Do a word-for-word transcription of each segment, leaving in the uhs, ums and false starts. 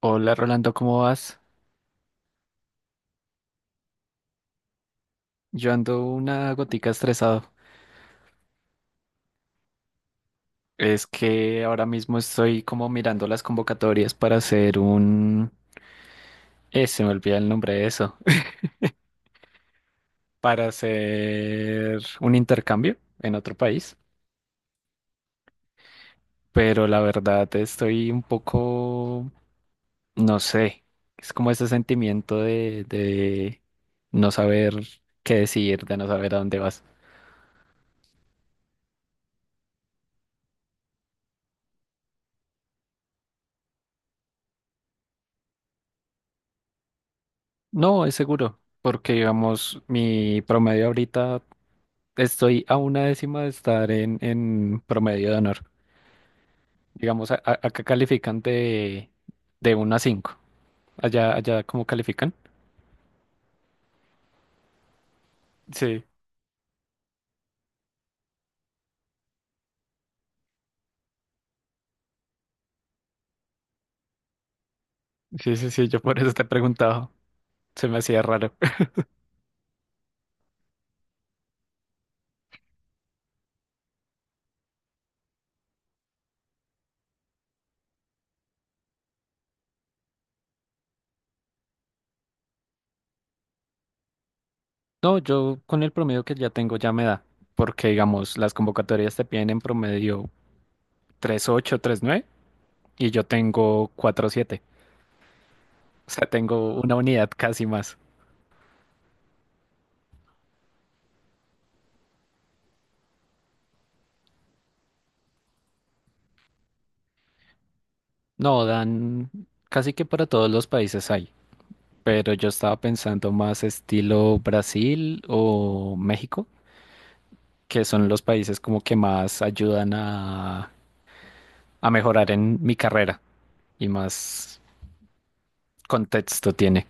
Hola Rolando, ¿cómo vas? Yo ando una gotica estresado. Es que ahora mismo estoy como mirando las convocatorias para hacer un... Eh, se me olvida el nombre de eso. Para hacer un intercambio en otro país. Pero la verdad estoy un poco... No sé. Es como ese sentimiento de, de no saber qué decidir, de no saber a dónde vas. No, es seguro. Porque digamos, mi promedio ahorita Estoy a una décima de estar en, en promedio de honor. Digamos, a- a- acá califican de, de uno a cinco. Allá, allá, ¿cómo califican? Sí, sí, sí, sí, yo por eso te he preguntado. Se me hacía raro. No, yo con el promedio que ya tengo ya me da, porque digamos, las convocatorias te piden en promedio tres punto ocho, nueve y yo tengo cuatro punto siete, o sea, tengo una unidad casi más. No, dan casi que para todos los países hay. Pero yo estaba pensando más estilo Brasil o México, que son los países como que más ayudan a, a mejorar en mi carrera y más contexto tiene.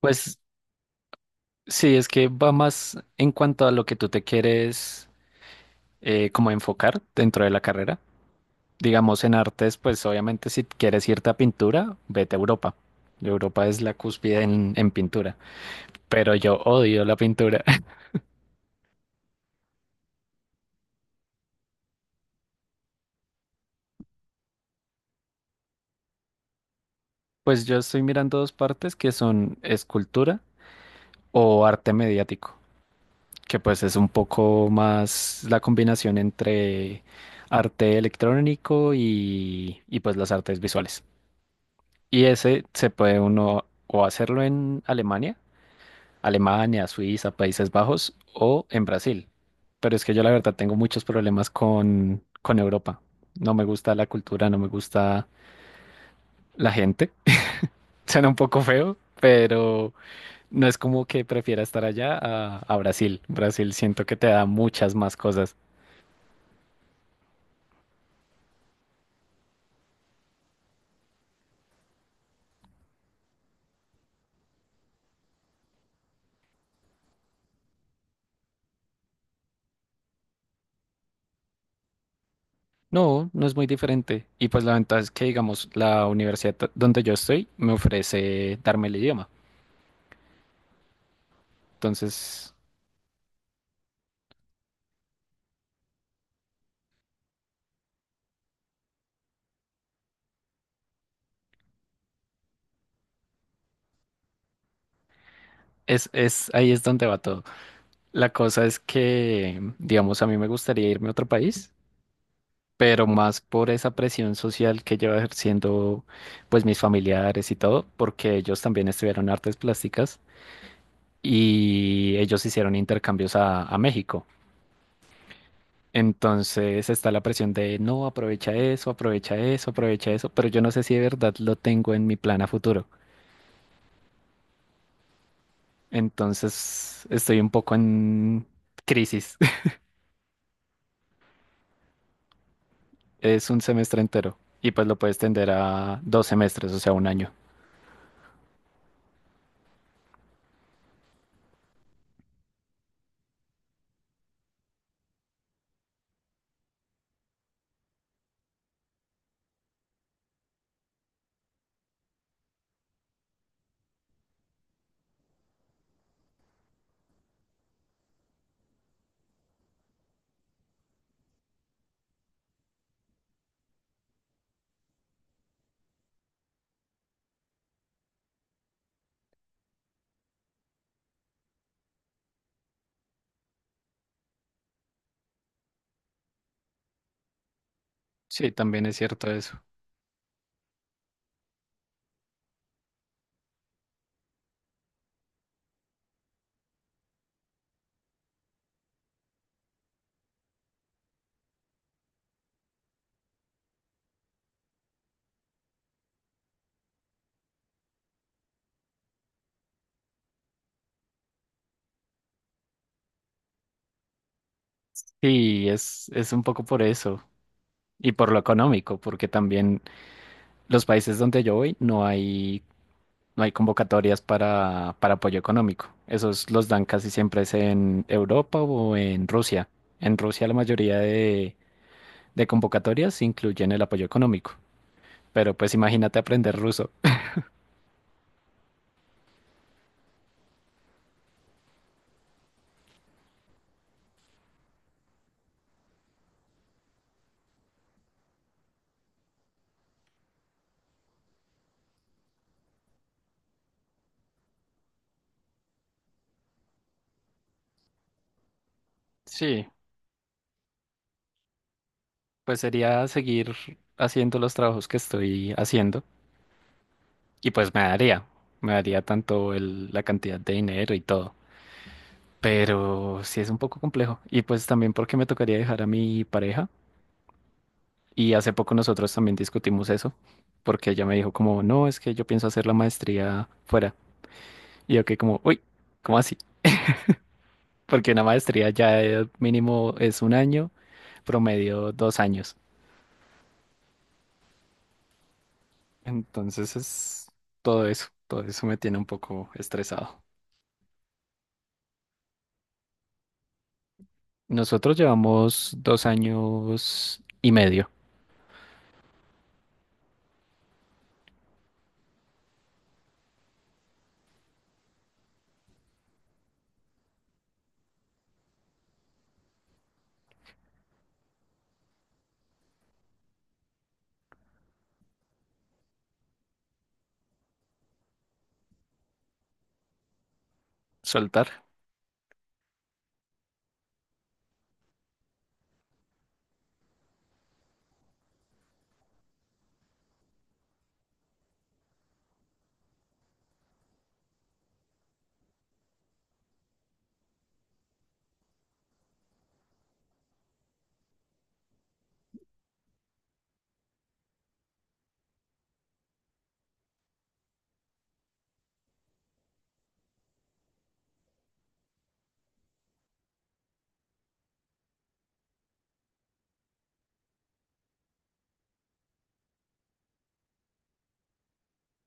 Pues sí, es que va más en cuanto a lo que tú te quieres eh, como enfocar dentro de la carrera. Digamos en artes, pues obviamente si quieres irte a pintura, vete a Europa. Europa es la cúspide en, en pintura, pero yo odio la pintura. Pues yo estoy mirando dos partes que son escultura o arte mediático, que pues es un poco más la combinación entre arte electrónico y, y pues las artes visuales. Y ese se puede uno o hacerlo en Alemania, Alemania, Suiza, Países Bajos o en Brasil. Pero es que yo la verdad tengo muchos problemas con, con Europa. No me gusta la cultura, no me gusta la gente. Suena un poco feo, pero... No es como que prefiera estar allá a, a Brasil. Brasil siento que te da muchas más cosas. No, no es muy diferente. Y pues la ventaja es que, digamos, la universidad t- donde yo estoy me ofrece darme el idioma. Entonces, es, es, ahí es donde va todo. La cosa es que, digamos, a mí me gustaría irme a otro país, pero más por esa presión social que lleva ejerciendo, pues, mis familiares y todo, porque ellos también estudiaron artes plásticas y ellos hicieron intercambios a, a México. Entonces está la presión de no, aprovecha eso, aprovecha eso, aprovecha eso, pero yo no sé si de verdad lo tengo en mi plan a futuro. Entonces estoy un poco en crisis. Es un semestre entero y pues lo puedes tender a dos semestres, o sea, un año. Sí, también es cierto eso. Sí, es, es un poco por eso y por lo económico, porque también los países donde yo voy no hay no hay convocatorias para, para apoyo económico. Esos los dan casi siempre es en Europa o en Rusia. En Rusia la mayoría de, de convocatorias incluyen el apoyo económico. Pero pues imagínate aprender ruso. Sí, pues sería seguir haciendo los trabajos que estoy haciendo y pues me daría, me daría tanto el, la cantidad de dinero y todo. Pero sí es un poco complejo. Y pues también porque me tocaría dejar a mi pareja Y hace poco nosotros también discutimos eso, porque ella me dijo como, no, es que yo pienso hacer la maestría fuera. Y yo que como, uy, ¿cómo así? Porque una maestría ya eh, mínimo es un año, promedio dos años. Entonces es todo eso, todo eso me tiene un poco estresado. Nosotros llevamos dos años y medio. Soltar,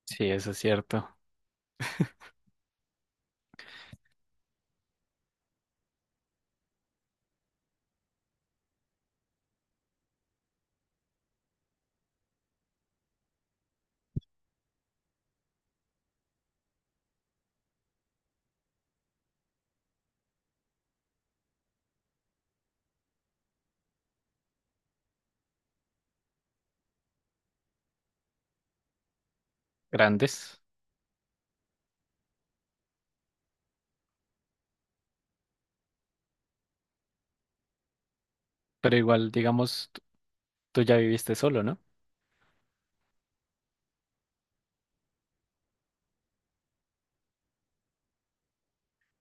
sí, eso es cierto. Grandes, pero igual, digamos, tú tú ya viviste solo, ¿no?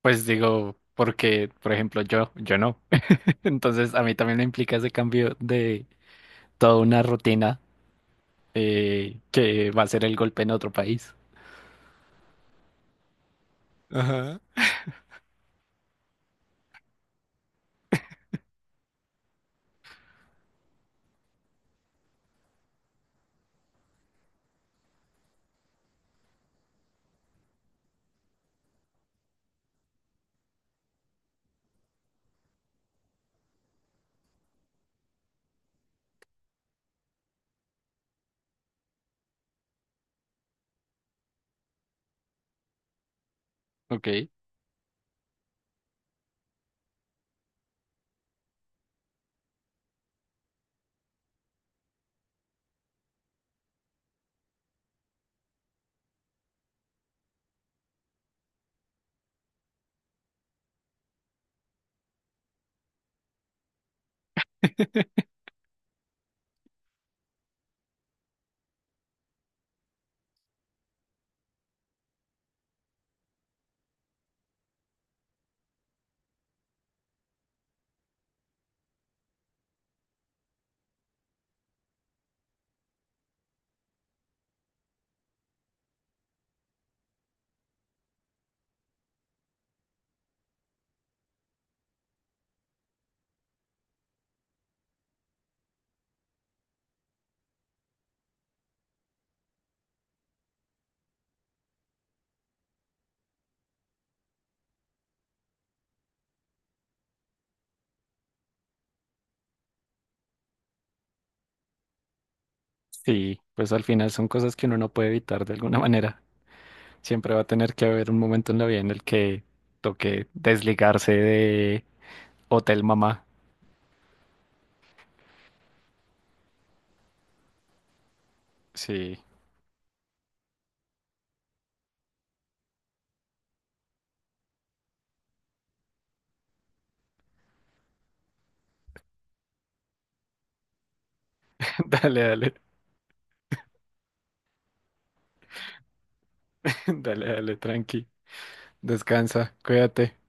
Pues digo, porque, por ejemplo, yo, yo no. Entonces, a mí también me implica ese cambio de toda una rutina eh, que va a ser el golpe en otro país. Ajá. Ok. Sí, pues al final son cosas que uno no puede evitar de alguna manera. Siempre va a tener que haber un momento en la vida en el que toque desligarse de Hotel Mamá. Sí, dale, dale, dale, dale, tranqui. Descansa, cuídate.